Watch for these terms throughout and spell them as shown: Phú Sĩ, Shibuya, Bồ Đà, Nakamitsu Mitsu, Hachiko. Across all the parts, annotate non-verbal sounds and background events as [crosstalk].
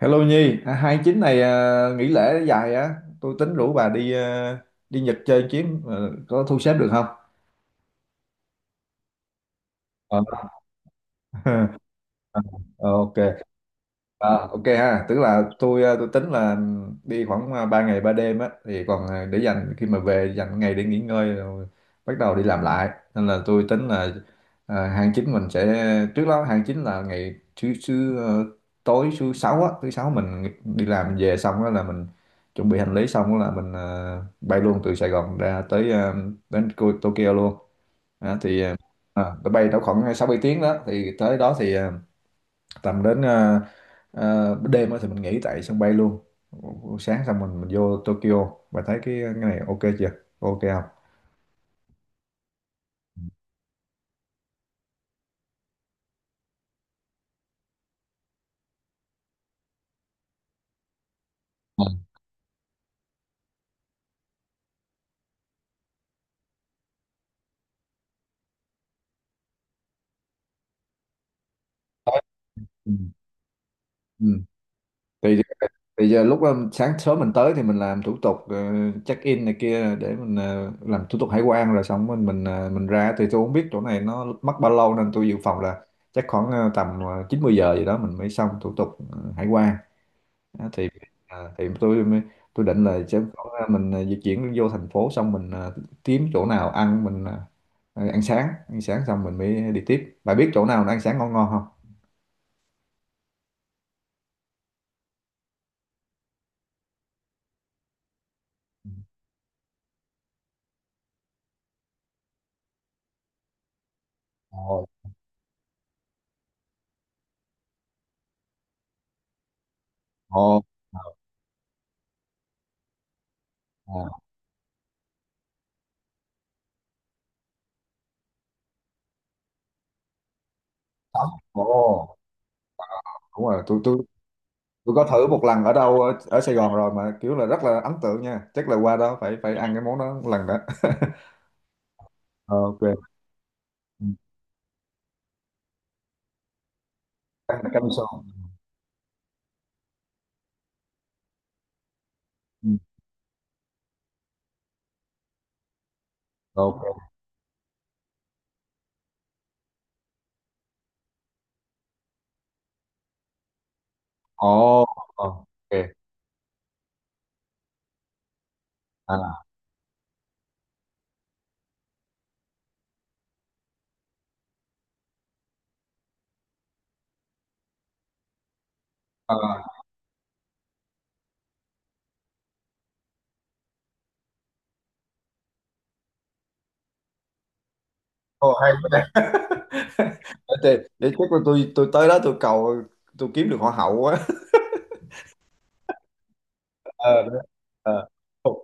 Hello Nhi, à, 29 này, à, nghỉ lễ dài á. Tôi tính rủ bà đi, à, đi Nhật chơi chuyến, à, có thu xếp được không? Ờ. [laughs] Ờ, ok. À, ok ha, tức là tôi tính là đi khoảng 3 ngày 3 đêm á, thì còn để dành khi mà về, dành ngày để nghỉ ngơi rồi bắt đầu đi làm lại. Nên là tôi tính là hàng chính mình sẽ, trước đó hàng chính là ngày thứ thứ ờ, tối thứ sáu á, thứ sáu mình đi làm về xong đó là mình chuẩn bị hành lý, xong đó là mình bay luôn từ Sài Gòn ra tới đến Tokyo luôn. Đó, thì tôi bay đâu khoảng 6 7 tiếng đó, thì tới đó thì tầm đến đêm á, thì mình nghỉ tại sân bay luôn, sáng xong mình vô Tokyo và thấy cái này ok chưa, ok không? Ừ. Tới- Ừ. Ừ. Thì, thì giờ lúc sáng sớm mình tới thì mình làm thủ tục, check in này kia, để mình làm thủ tục hải quan, rồi xong mình ra, thì tôi không biết chỗ này nó mất bao lâu, nên tôi dự phòng là chắc khoảng tầm 90 giờ gì đó mình mới xong thủ tục hải quan. Đó, thì à, tôi định là sẽ có, à, mình, à, di chuyển vô thành phố xong mình, à, kiếm chỗ nào ăn, mình, à, à, ăn sáng xong mình mới đi tiếp. Bà biết chỗ nào nó ăn sáng ngon ngon không? Ồ. Ồ. Ồ. Tắm. Ồ, đúng rồi, tôi có thử một lần ở đâu, ở, ở Sài Gòn rồi, mà kiểu là rất là ấn tượng nha. Chắc là qua đó phải phải ăn cái món đó một lần đó. [laughs] Ok. Ừ. Ăn canh sò. Ừ. Ok. Ồ. Ồ. Ok. À. À. Hay quá, để chắc là tôi tới đó tôi cầu, tôi kiếm được hoa hậu quá. [laughs] Ờ, đúng. Ờ, ok.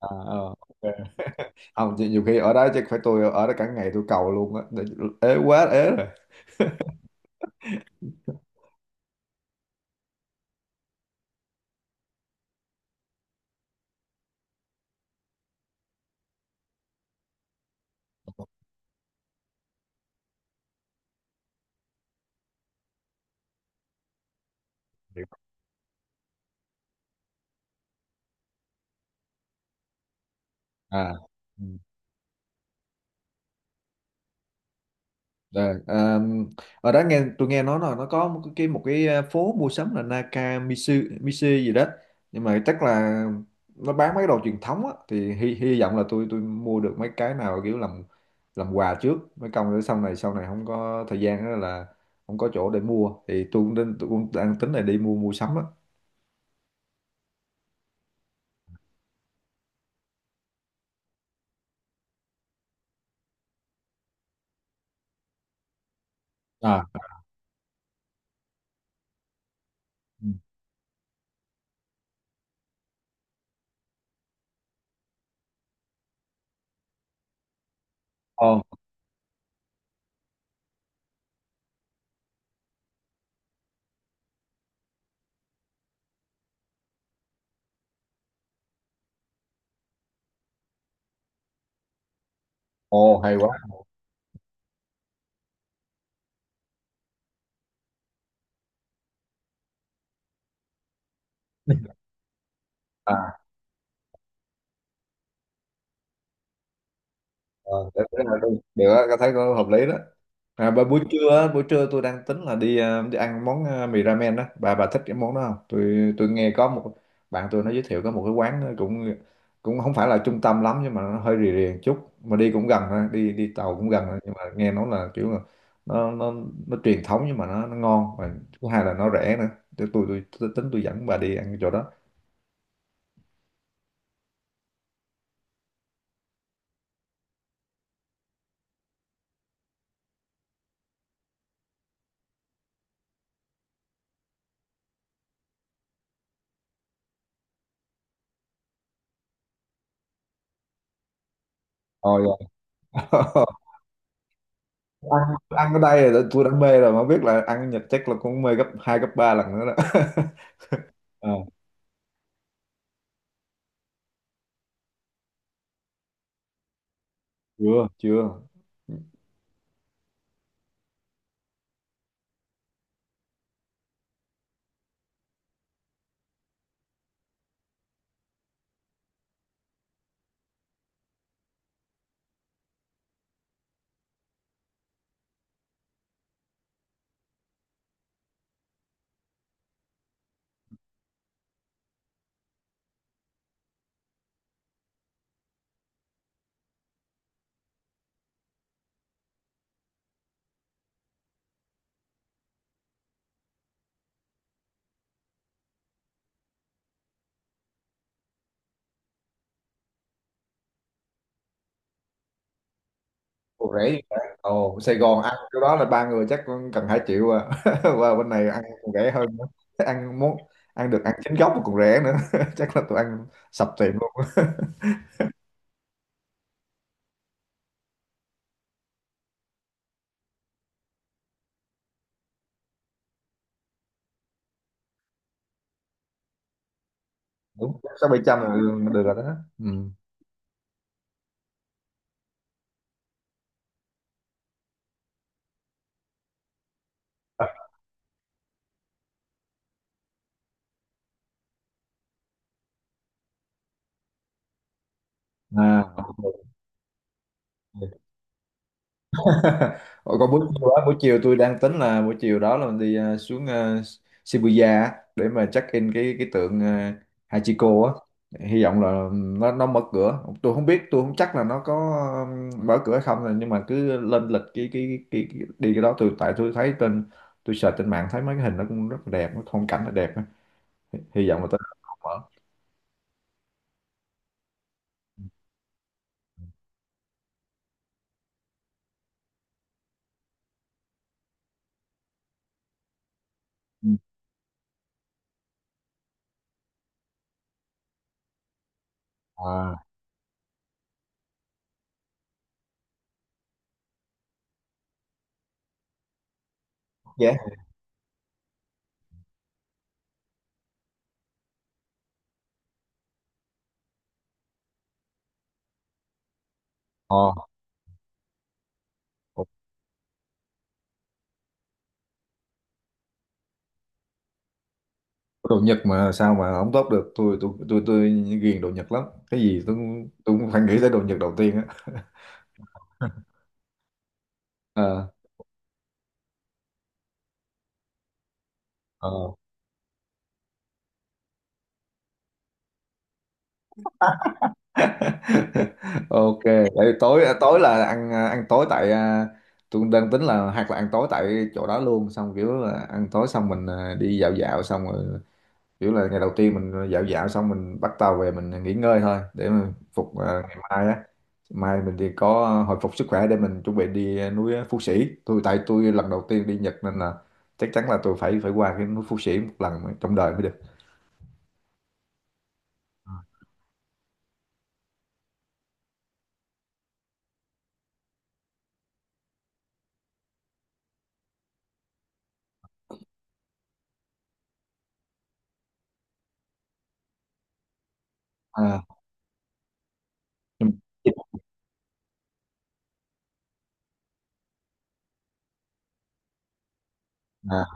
À, ờ, ok. Không nhiều, nhiều khi ở đó chắc phải tôi ở đó cả ngày tôi cầu luôn á. Ế quá, ế. Rồi. À. Ừ. Rồi, à, ở đó, tôi nghe nói là nó có một cái à, phố mua sắm là Nakamitsu Mitsu gì đó, nhưng mà chắc là nó bán mấy cái đồ truyền thống á, thì hy vọng là tôi mua được mấy cái nào kiểu làm quà trước mấy công, để sau này, sau này không có thời gian đó là không có chỗ để mua, thì tôi cũng định tôi cũng đang tính là đi mua mua sắm á. À. Ừ. Ồ. Ồ, hay quá. À, à, được á, tôi thấy có hợp lý đó. À, bà buổi trưa á, buổi trưa tôi đang tính là đi, ờ, đi ăn món, ờ, mì ramen đó. Bà thích cái món đó không? Tôi nghe có một bạn tôi nó giới thiệu có một cái quán, nó cũng cũng không phải là trung tâm lắm, nhưng mà nó hơi rì rì một chút mà đi cũng gần thôi, đi đi tàu cũng gần thôi. Nhưng mà nghe nói là kiểu là nó nó nó truyền thống, nhưng mà nó ngon, và thứ hai là nó rẻ nữa. Tôi tính tôi dẫn bà đi ăn cái chỗ đó. Rồi. [laughs] ăn ăn ở đây là tôi đã mê rồi, mà biết là ăn ở Nhật chắc là cũng mê gấp hai gấp ba lần nữa đó. [laughs] Chưa chưa. Ồ, rẻ vậy ta. Ồ, Sài Gòn ăn cái đó là ba người chắc cũng cần 2 triệu à. [laughs] Và bên này ăn còn rẻ hơn nữa. [laughs] Ăn muốn ăn được ăn chính gốc mà còn rẻ nữa. [laughs] Chắc là tụi ăn sập tiệm luôn. Đúng, 6 7 trăm là được rồi đó. Ừ. À. [laughs] Ủa, còn buổi chiều á, buổi chiều tôi đang tính là buổi chiều đó là mình đi, ờ, xuống, ờ, Shibuya á, để mà check in cái tượng, ờ, Hachiko á. Hy vọng là nó mở cửa. Tôi không biết, tôi không chắc là nó có, ờ, mở cửa hay không rồi, nhưng mà cứ lên lịch cái đi cái đó, tôi tại tôi thấy trên, tôi search trên mạng thấy mấy cái hình nó cũng rất là đẹp, cái phong cảnh nó đẹp á. Hy vọng là tới đó nó mở. Ừ. À. Yeah. Ờ. Đồ Nhật mà sao mà không tốt được, tôi ghiền đồ Nhật lắm. Cái gì tôi cũng phải nghĩ tới đồ Nhật đầu tiên á. Ờ. Ờ. [laughs] Ok, để tối tối là ăn, à, ăn tối tại, à, tôi đang tính là hoặc là ăn tối tại chỗ đó luôn, xong kiểu là ăn tối xong mình, à, đi dạo dạo, xong rồi kiểu là ngày đầu tiên mình dạo dạo xong mình bắt tàu về mình nghỉ ngơi thôi, để mà phục, à, ngày mai á, mai mình thì có, ờ, hồi phục sức khỏe để mình chuẩn bị đi, ờ, núi, ờ, Phú Sĩ. Tôi tại tôi lần đầu tiên đi Nhật, nên là chắc chắn là tôi phải phải qua cái núi Phú Sĩ một lần trong đời mới được. À, nhưng mà à,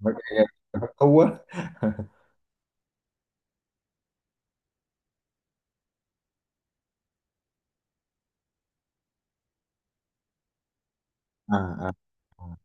mấy cái thú á. [laughs] À. À. À.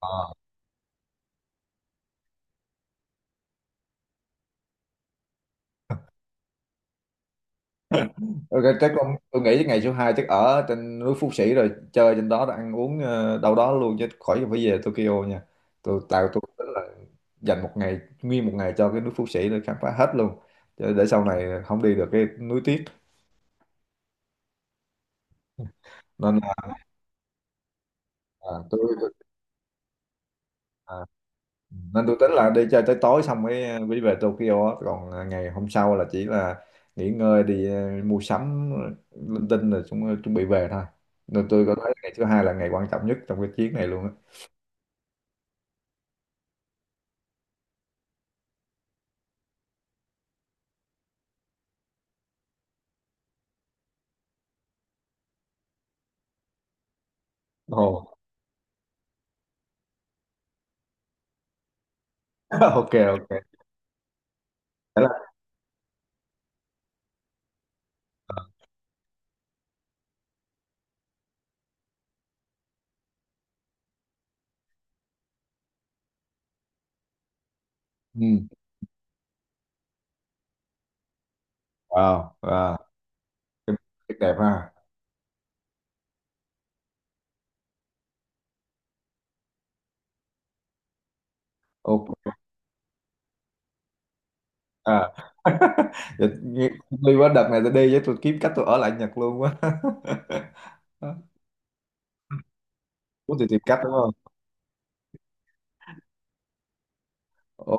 Ừ. Ok, chắc con tôi nghĩ ngày số 2 chắc ở trên núi Phú Sĩ rồi chơi trên đó rồi ăn uống, ờ, đâu đó luôn, chứ khỏi phải về Tokyo nha. Tôi tạo tôi tính là dành một ngày, nguyên một ngày cho cái núi Phú Sĩ để khám phá hết luôn. Chứ để sau này không đi được cái núi tiếc, nên là à, tôi à, nên tôi tính là đi chơi tới tối xong mới, à, mới về Tokyo á. Còn à, ngày hôm sau là chỉ là nghỉ ngơi, đi, ờ, mua sắm linh tinh rồi chúng chuẩn bị về thôi. Nên tôi có thấy ngày thứ hai là ngày quan trọng nhất trong cái chuyến này luôn á. Ồ. [laughs] Ok, ok. Thế là ừ. Wow, wow. Rất đẹp ha. Ok. À. [laughs] Dạ, đi quá đợt này tôi đi với tôi kiếm cách tôi ở lại Nhật luôn quá. [laughs] Muốn thì tìm cách đúng không? Ồ.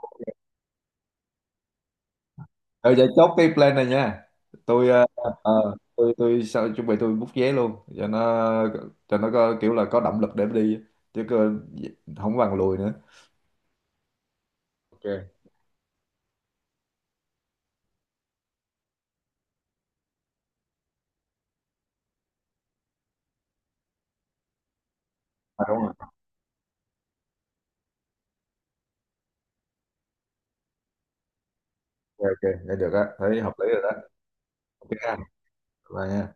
Rồi vậy chốt cái plan này nha. Tôi, ờ, ờ, tôi sao chuẩn bị tôi book vé luôn cho nó, cho nó có kiểu là có động lực để đi, chứ cơ, không bằng lùi nữa. Ok. À, đúng rồi. Ok, ok. Vậy được á, thấy hợp lý rồi đó. Ok ha. Bye nha.